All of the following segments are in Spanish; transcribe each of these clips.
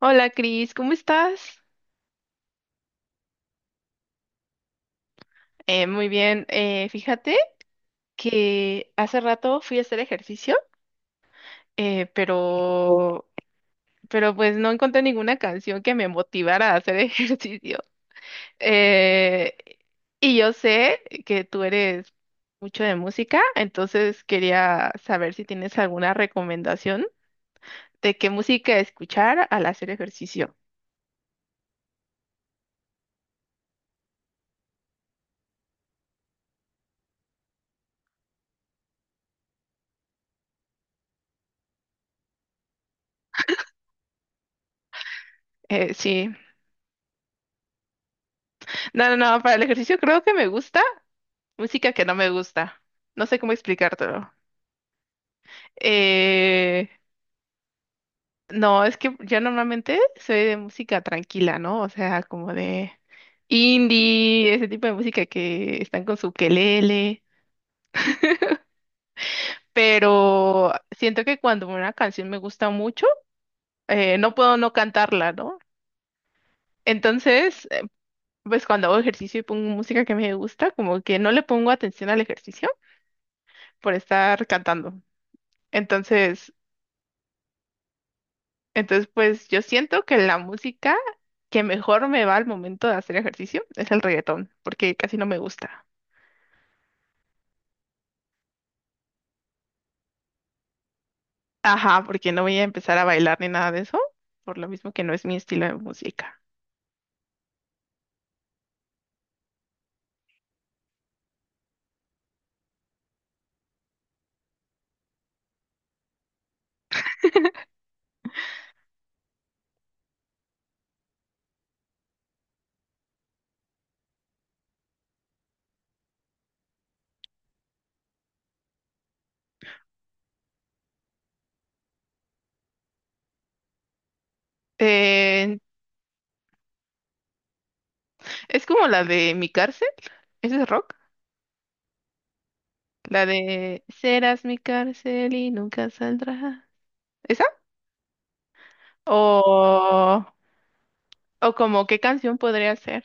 Hola, Cris, ¿cómo estás? Muy bien. Fíjate que hace rato fui a hacer ejercicio, eh, pero, pero pues no encontré ninguna canción que me motivara a hacer ejercicio. Eh, y yo sé que tú eres mucho de música, entonces quería saber si tienes alguna recomendación de qué música escuchar al hacer ejercicio. Sí, no, no, no, para el ejercicio creo que me gusta música que no me gusta. No sé cómo explicártelo. Eh, no, es que yo normalmente soy de música tranquila, ¿no? O sea, como de indie, ese tipo de música que están con su quelele. Pero siento que cuando una canción me gusta mucho, no puedo no cantarla, ¿no? Entonces, eh, pues cuando hago ejercicio y pongo música que me gusta, como que no le pongo atención al ejercicio por estar cantando. Entonces, pues yo siento que la música que mejor me va al momento de hacer ejercicio es el reggaetón, porque casi no me gusta. Ajá, porque no voy a empezar a bailar ni nada de eso, por lo mismo que no es mi estilo de música. Eh, es como la de Mi cárcel, ese es rock, la de Serás mi cárcel y nunca saldrás. ¿Esa? O, o como qué canción podría ser.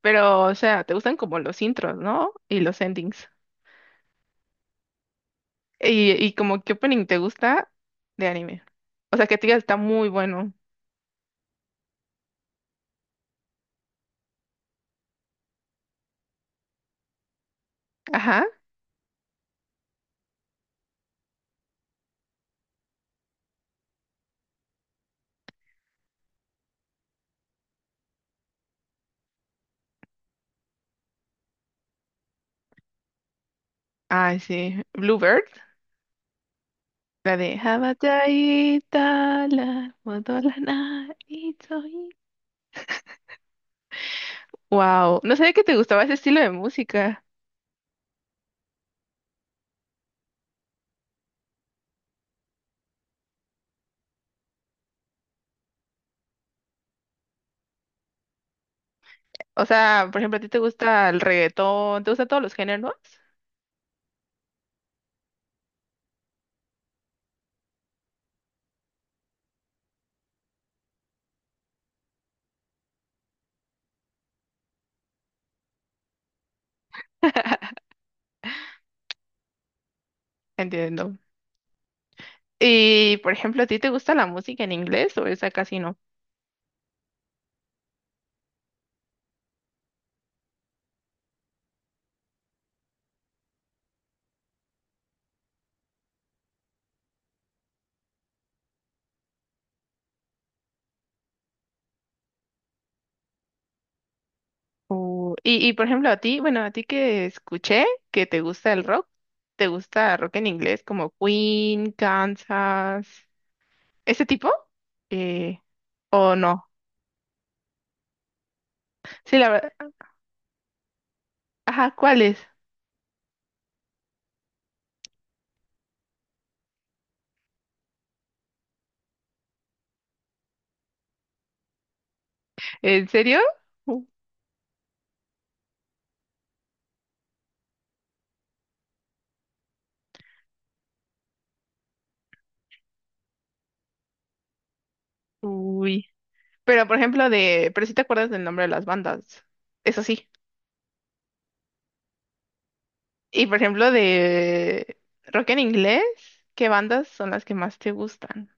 Pero, o sea, te gustan como los intros, ¿no? Y los endings. Y como, ¿qué opening te gusta de anime? O sea, que te diga, está muy bueno. Ajá. Ay, sí. Bluebird. La de Habataitala, Modolana, Itoi. Wow, no sabía que te gustaba ese estilo de música. O sea, por ejemplo, a ti te gusta el reggaetón, te gustan todos los géneros. Entiendo. Y, por ejemplo, ¿a ti te gusta la música en inglés o esa casi no? Y por ejemplo, a ti, bueno, a ti que escuché que te gusta el rock, ¿te gusta rock en inglés como Queen, Kansas, ese tipo? Eh, ¿O no? Sí, la verdad. Ajá, ¿cuáles? ¿En serio? U- Uy. Pero por ejemplo de, pero si te acuerdas del nombre de las bandas, eso sí. Y por ejemplo de rock en inglés, ¿qué bandas son las que más te gustan?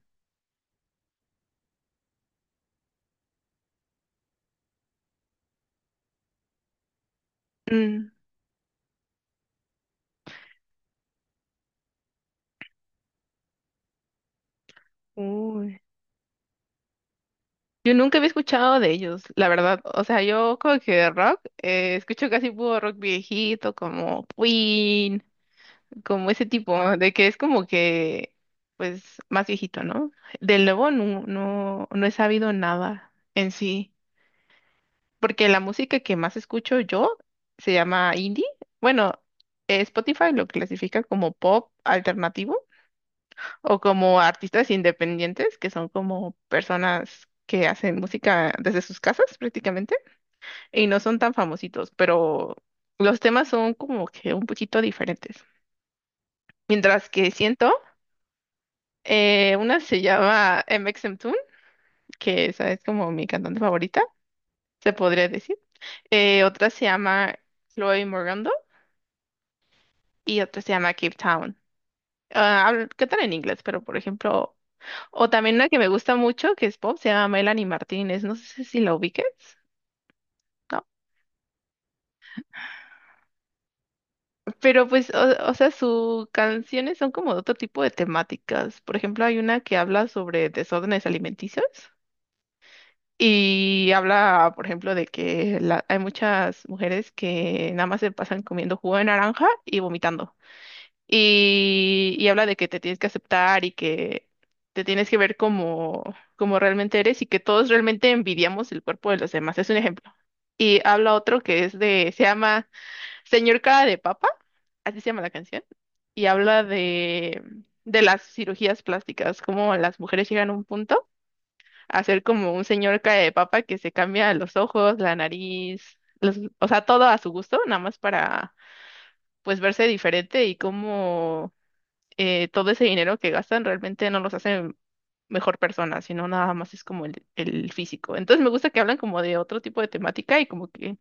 Mm, Uy, yo nunca había escuchado de ellos, la verdad. O sea, yo como que de rock, escucho casi puro rock viejito, como Queen, como ese tipo, de que es como que, pues, más viejito, ¿no? Del nuevo no he sabido nada en sí, porque la música que más escucho yo se llama indie. Bueno, Spotify lo clasifica como pop alternativo o como artistas independientes, que son como personas que hacen música desde sus casas prácticamente y no son tan famositos, pero los temas son como que un poquito diferentes. Mientras que siento, una se llama MXMToon, que esa es como mi cantante favorita, se podría decir. Otra se llama Chloe Morgando y otra se llama Cape Town. Ah, cantan en inglés, pero por ejemplo, o también una que me gusta mucho, que es pop, se llama Melanie Martínez, no sé si la ubiques, ¿no? Pero pues, o sea, sus canciones son como de otro tipo de temáticas. Por ejemplo, hay una que habla sobre desórdenes alimenticios y habla, por ejemplo, de que hay muchas mujeres que nada más se pasan comiendo jugo de naranja y vomitando. Y habla de que te tienes que aceptar y que te tienes que ver como, como realmente eres y que todos realmente envidiamos el cuerpo de los demás. Es un ejemplo. Y habla otro que es de, se llama Señor Cara de Papa, así se llama la canción y habla de las cirugías plásticas, cómo las mujeres llegan a un punto a ser como un señor cara de papa que se cambia los ojos, la nariz, o sea, todo a su gusto, nada más para pues verse diferente y cómo todo ese dinero que gastan realmente no los hace mejor persona, sino nada más es como el físico. Entonces me gusta que hablan como de otro tipo de temática y como que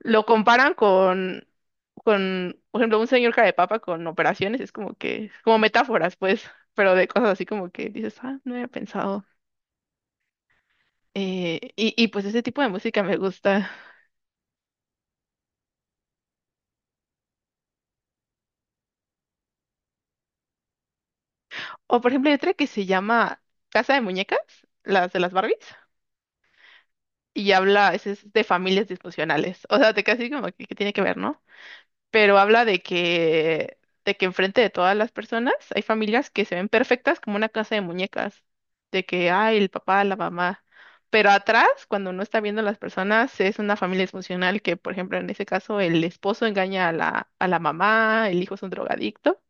lo comparan con, por ejemplo, un señor cara de papa con operaciones, es como que, como metáforas, pues, pero de cosas así como que dices, ah, no había pensado. Y pues ese tipo de música me gusta. O por ejemplo, hay otra que se llama Casa de Muñecas, las de las Barbies, y habla, es de familias disfuncionales. O sea, te casi como que tiene que ver, ¿no? Pero habla de que enfrente de todas las personas hay familias que se ven perfectas como una casa de muñecas, de que, ay, el papá, la mamá, pero atrás, cuando no está viendo las personas, es una familia disfuncional que, por ejemplo, en ese caso, el esposo engaña a la mamá, el hijo es un drogadicto.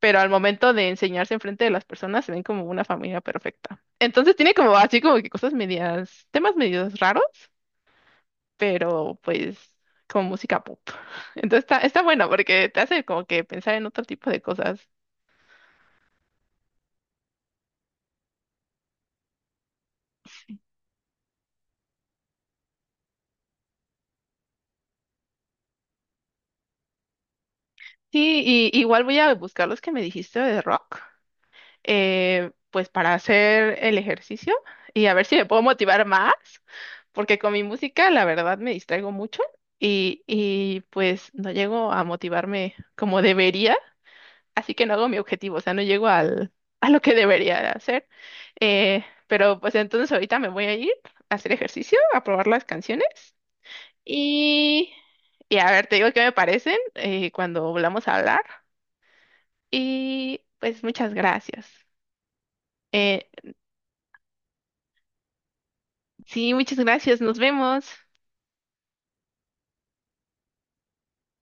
Pero al momento de enseñarse enfrente de las personas se ven como una familia perfecta. Entonces tiene como así como que cosas medias, temas medios raros, pero pues como música pop. Entonces está, está bueno porque te hace como que pensar en otro tipo de cosas. Sí, y igual voy a buscar los que me dijiste de rock, pues para hacer el ejercicio y a ver si me puedo motivar más, porque con mi música la verdad me distraigo mucho y pues no llego a motivarme como debería, así que no hago mi objetivo, o sea, no llego al, a lo que debería hacer. Pero pues entonces ahorita me voy a ir a hacer ejercicio, a probar las canciones y, y a ver, te digo qué me parecen cuando volvamos a hablar. Y pues muchas gracias. Eh, sí, muchas gracias, nos vemos.